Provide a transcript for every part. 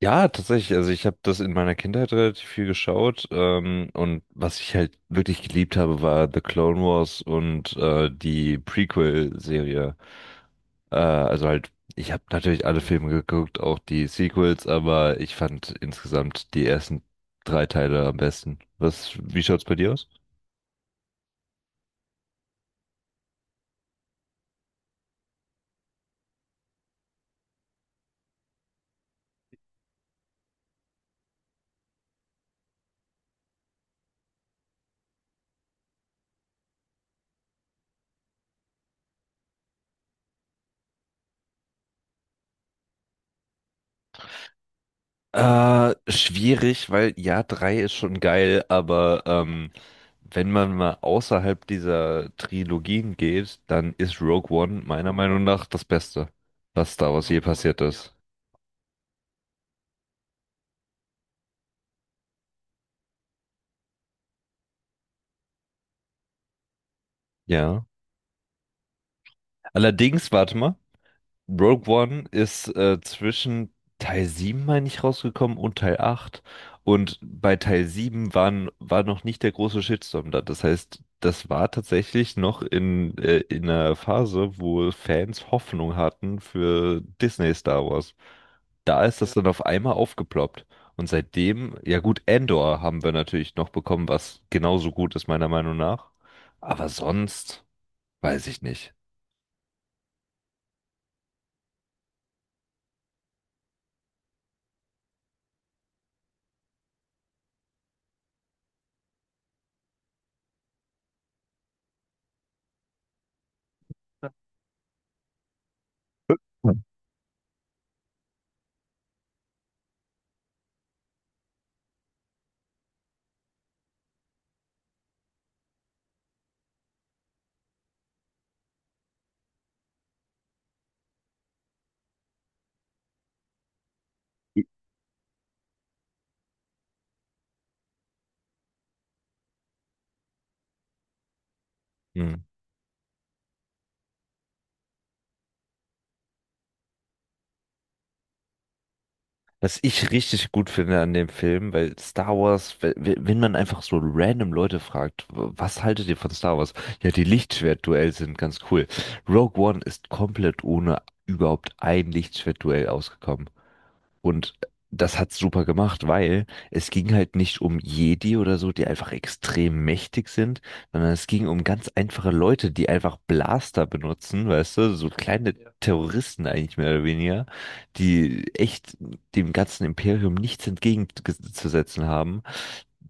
Ja, tatsächlich. Also ich habe das in meiner Kindheit relativ viel geschaut. Und was ich halt wirklich geliebt habe, war The Clone Wars und die Prequel-Serie. Also halt, ich habe natürlich alle Filme geguckt, auch die Sequels, aber ich fand insgesamt die ersten drei Teile am besten. Wie schaut's bei dir aus? Schwierig, weil ja, drei ist schon geil, aber wenn man mal außerhalb dieser Trilogien geht, dann ist Rogue One meiner Meinung nach das Beste, was Star Wars je passiert ist. Ja. Allerdings, warte mal. Rogue One ist zwischen Teil 7, meine ich, rausgekommen und Teil 8. Und bei Teil 7 war noch nicht der große Shitstorm da. Das heißt, das war tatsächlich noch in einer Phase, wo Fans Hoffnung hatten für Disney Star Wars. Da ist das , ja, dann auf einmal aufgeploppt. Und seitdem, ja gut, Andor haben wir natürlich noch bekommen, was genauso gut ist, meiner Meinung nach. Aber sonst weiß ich nicht. Hm. Was ich richtig gut finde an dem Film, weil Star Wars, wenn man einfach so random Leute fragt, was haltet ihr von Star Wars? Ja, die Lichtschwertduell sind ganz cool. Rogue One ist komplett ohne überhaupt ein Lichtschwertduell ausgekommen. Und das hat's super gemacht, weil es ging halt nicht um Jedi oder so, die einfach extrem mächtig sind, sondern es ging um ganz einfache Leute, die einfach Blaster benutzen, weißt du, so kleine , ja, Terroristen eigentlich mehr oder weniger, die echt dem ganzen Imperium nichts entgegenzusetzen haben,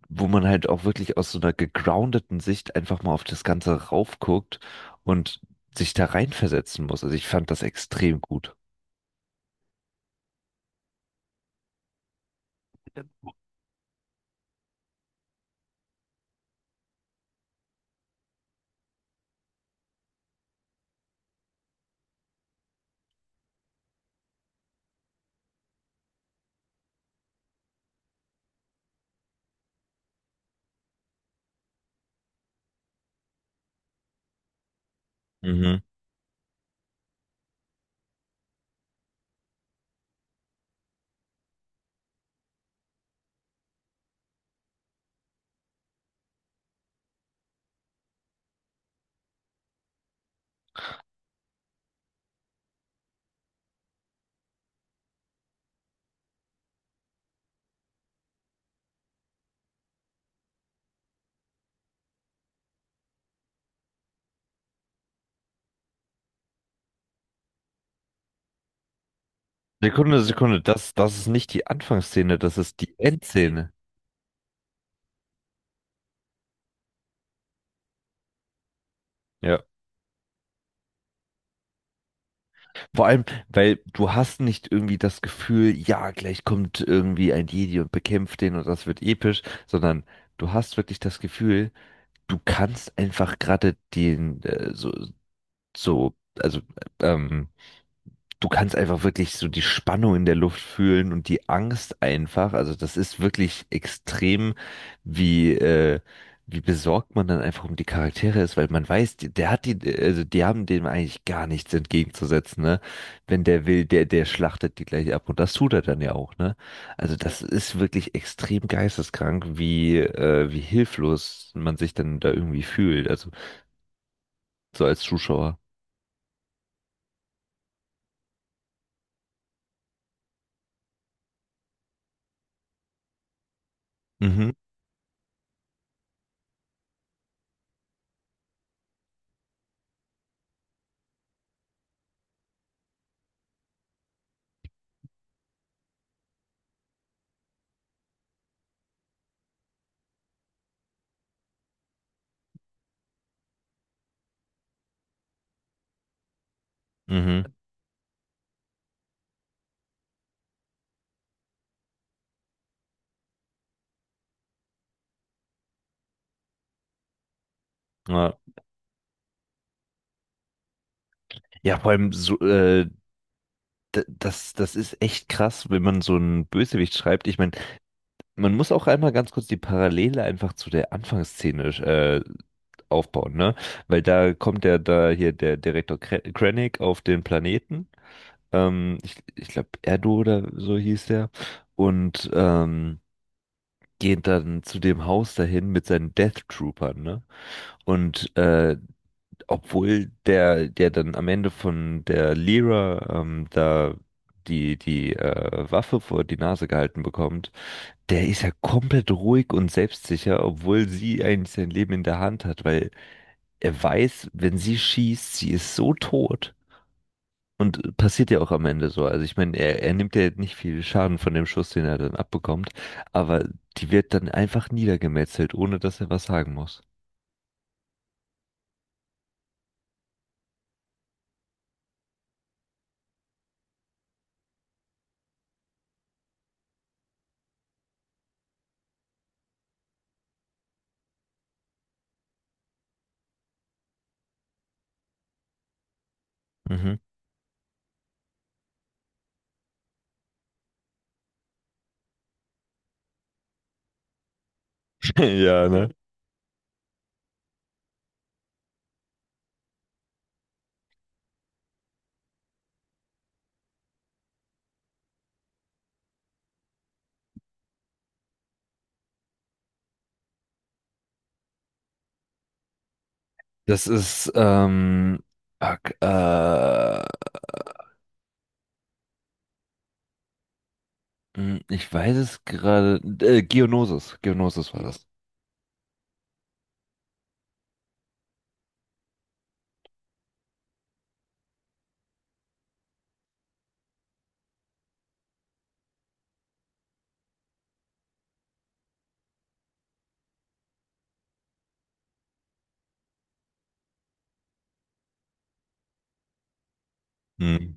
wo man halt auch wirklich aus so einer gegroundeten Sicht einfach mal auf das Ganze raufguckt und sich da reinversetzen muss. Also ich fand das extrem gut. Mhm. Sekunde, Sekunde, das ist nicht die Anfangsszene, das ist die Endszene. Ja. Vor allem, weil du hast nicht irgendwie das Gefühl, ja, gleich kommt irgendwie ein Jedi und bekämpft den und das wird episch, sondern du hast wirklich das Gefühl, du kannst einfach gerade den, so, so, also, ähm, du kannst einfach wirklich so die Spannung in der Luft fühlen und die Angst einfach. Also das ist wirklich extrem, wie, wie besorgt man dann einfach um die Charaktere ist, weil man weiß, der hat die, also die haben dem eigentlich gar nichts entgegenzusetzen, ne? Wenn der will, der schlachtet die gleich ab und das tut er dann ja auch, ne? Also das ist wirklich extrem geisteskrank, wie, wie hilflos man sich dann da irgendwie fühlt, also so als Zuschauer. Mhm, mhm, ja. Ja, vor allem so, Das ist echt krass, wenn man so einen Bösewicht schreibt. Ich meine, man muss auch einmal ganz kurz die Parallele einfach zu der Anfangsszene aufbauen, ne? Weil da kommt ja da hier der Direktor Krennic auf den Planeten. Ich glaube, Erdo oder so hieß der. Und geht dann zu dem Haus dahin mit seinen Death Troopern, ne? Und obwohl der dann am Ende von der Lyra da die Waffe vor die Nase gehalten bekommt, der ist ja komplett ruhig und selbstsicher, obwohl sie eigentlich sein Leben in der Hand hat, weil er weiß, wenn sie schießt, sie ist so tot. Und passiert ja auch am Ende so. Also ich meine, er nimmt ja nicht viel Schaden von dem Schuss, den er dann abbekommt, aber die wird dann einfach niedergemetzelt, ohne dass er was sagen muss. Mhm. Ja, ne? Das ist, ak- hm, Ich weiß es gerade, Geonosis, Geonosis war das. Hm.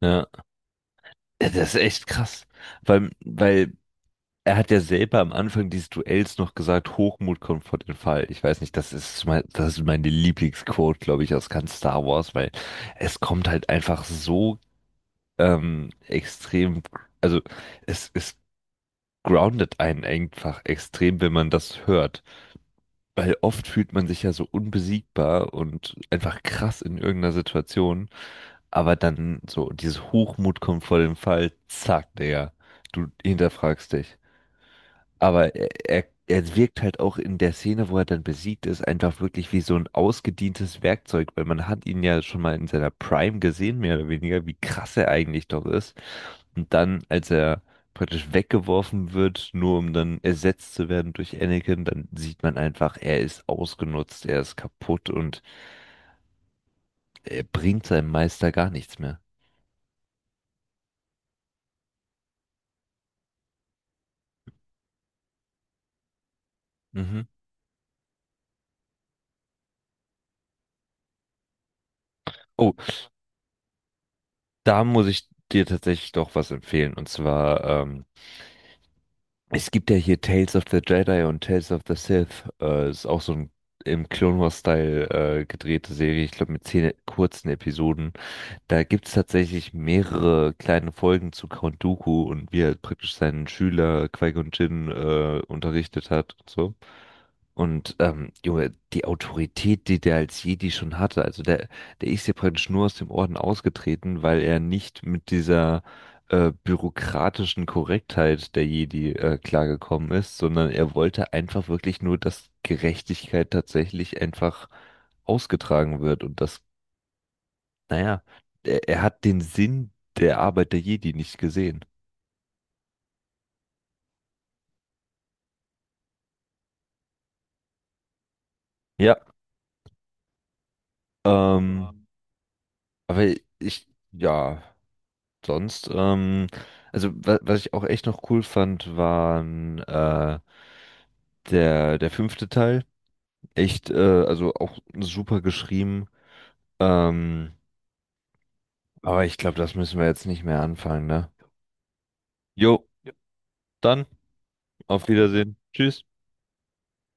Ja, ja, das ist echt krass, weil er hat ja selber am Anfang dieses Duells noch gesagt, Hochmut kommt vor den Fall. Ich weiß nicht, das ist mein, das ist meine Lieblingsquote, glaube ich, aus ganz Star Wars, weil es kommt halt einfach so extrem, also es groundet einen einfach extrem, wenn man das hört. Weil oft fühlt man sich ja so unbesiegbar und einfach krass in irgendeiner Situation, aber dann so dieses Hochmut kommt vor dem Fall, zack, Digga, du hinterfragst dich. Aber er wirkt halt auch in der Szene, wo er dann besiegt ist, einfach wirklich wie so ein ausgedientes Werkzeug, weil man hat ihn ja schon mal in seiner Prime gesehen, mehr oder weniger, wie krass er eigentlich doch ist. Und dann, als er praktisch weggeworfen wird, nur um dann ersetzt zu werden durch Anakin, dann sieht man einfach, er ist ausgenutzt, er ist kaputt und er bringt seinem Meister gar nichts mehr. Mhm. Oh, da muss ich dir tatsächlich doch was empfehlen. Und zwar, es gibt ja hier Tales of the Jedi und Tales of the Sith. Ist auch so ein im Clone Wars-Style gedrehte Serie, ich glaube mit 10 kurzen Episoden. Da gibt's tatsächlich mehrere kleine Folgen zu Count Dooku und wie er praktisch seinen Schüler Qui-Gon Jinn unterrichtet hat und so. Und Junge, die Autorität, die der als Jedi schon hatte, also der ist ja praktisch nur aus dem Orden ausgetreten, weil er nicht mit dieser bürokratischen Korrektheit der Jedi klargekommen ist, sondern er wollte einfach wirklich nur, dass Gerechtigkeit tatsächlich einfach ausgetragen wird und dass naja, er hat den Sinn der Arbeit der Jedi nicht gesehen. Ja, ähm, aber ich, ja, sonst, also wa was ich auch echt noch cool fand, waren der fünfte Teil. Echt, also auch super geschrieben. Ähm, aber ich glaube, das müssen wir jetzt nicht mehr anfangen, ne? Jo, dann auf Wiedersehen. Tschüss.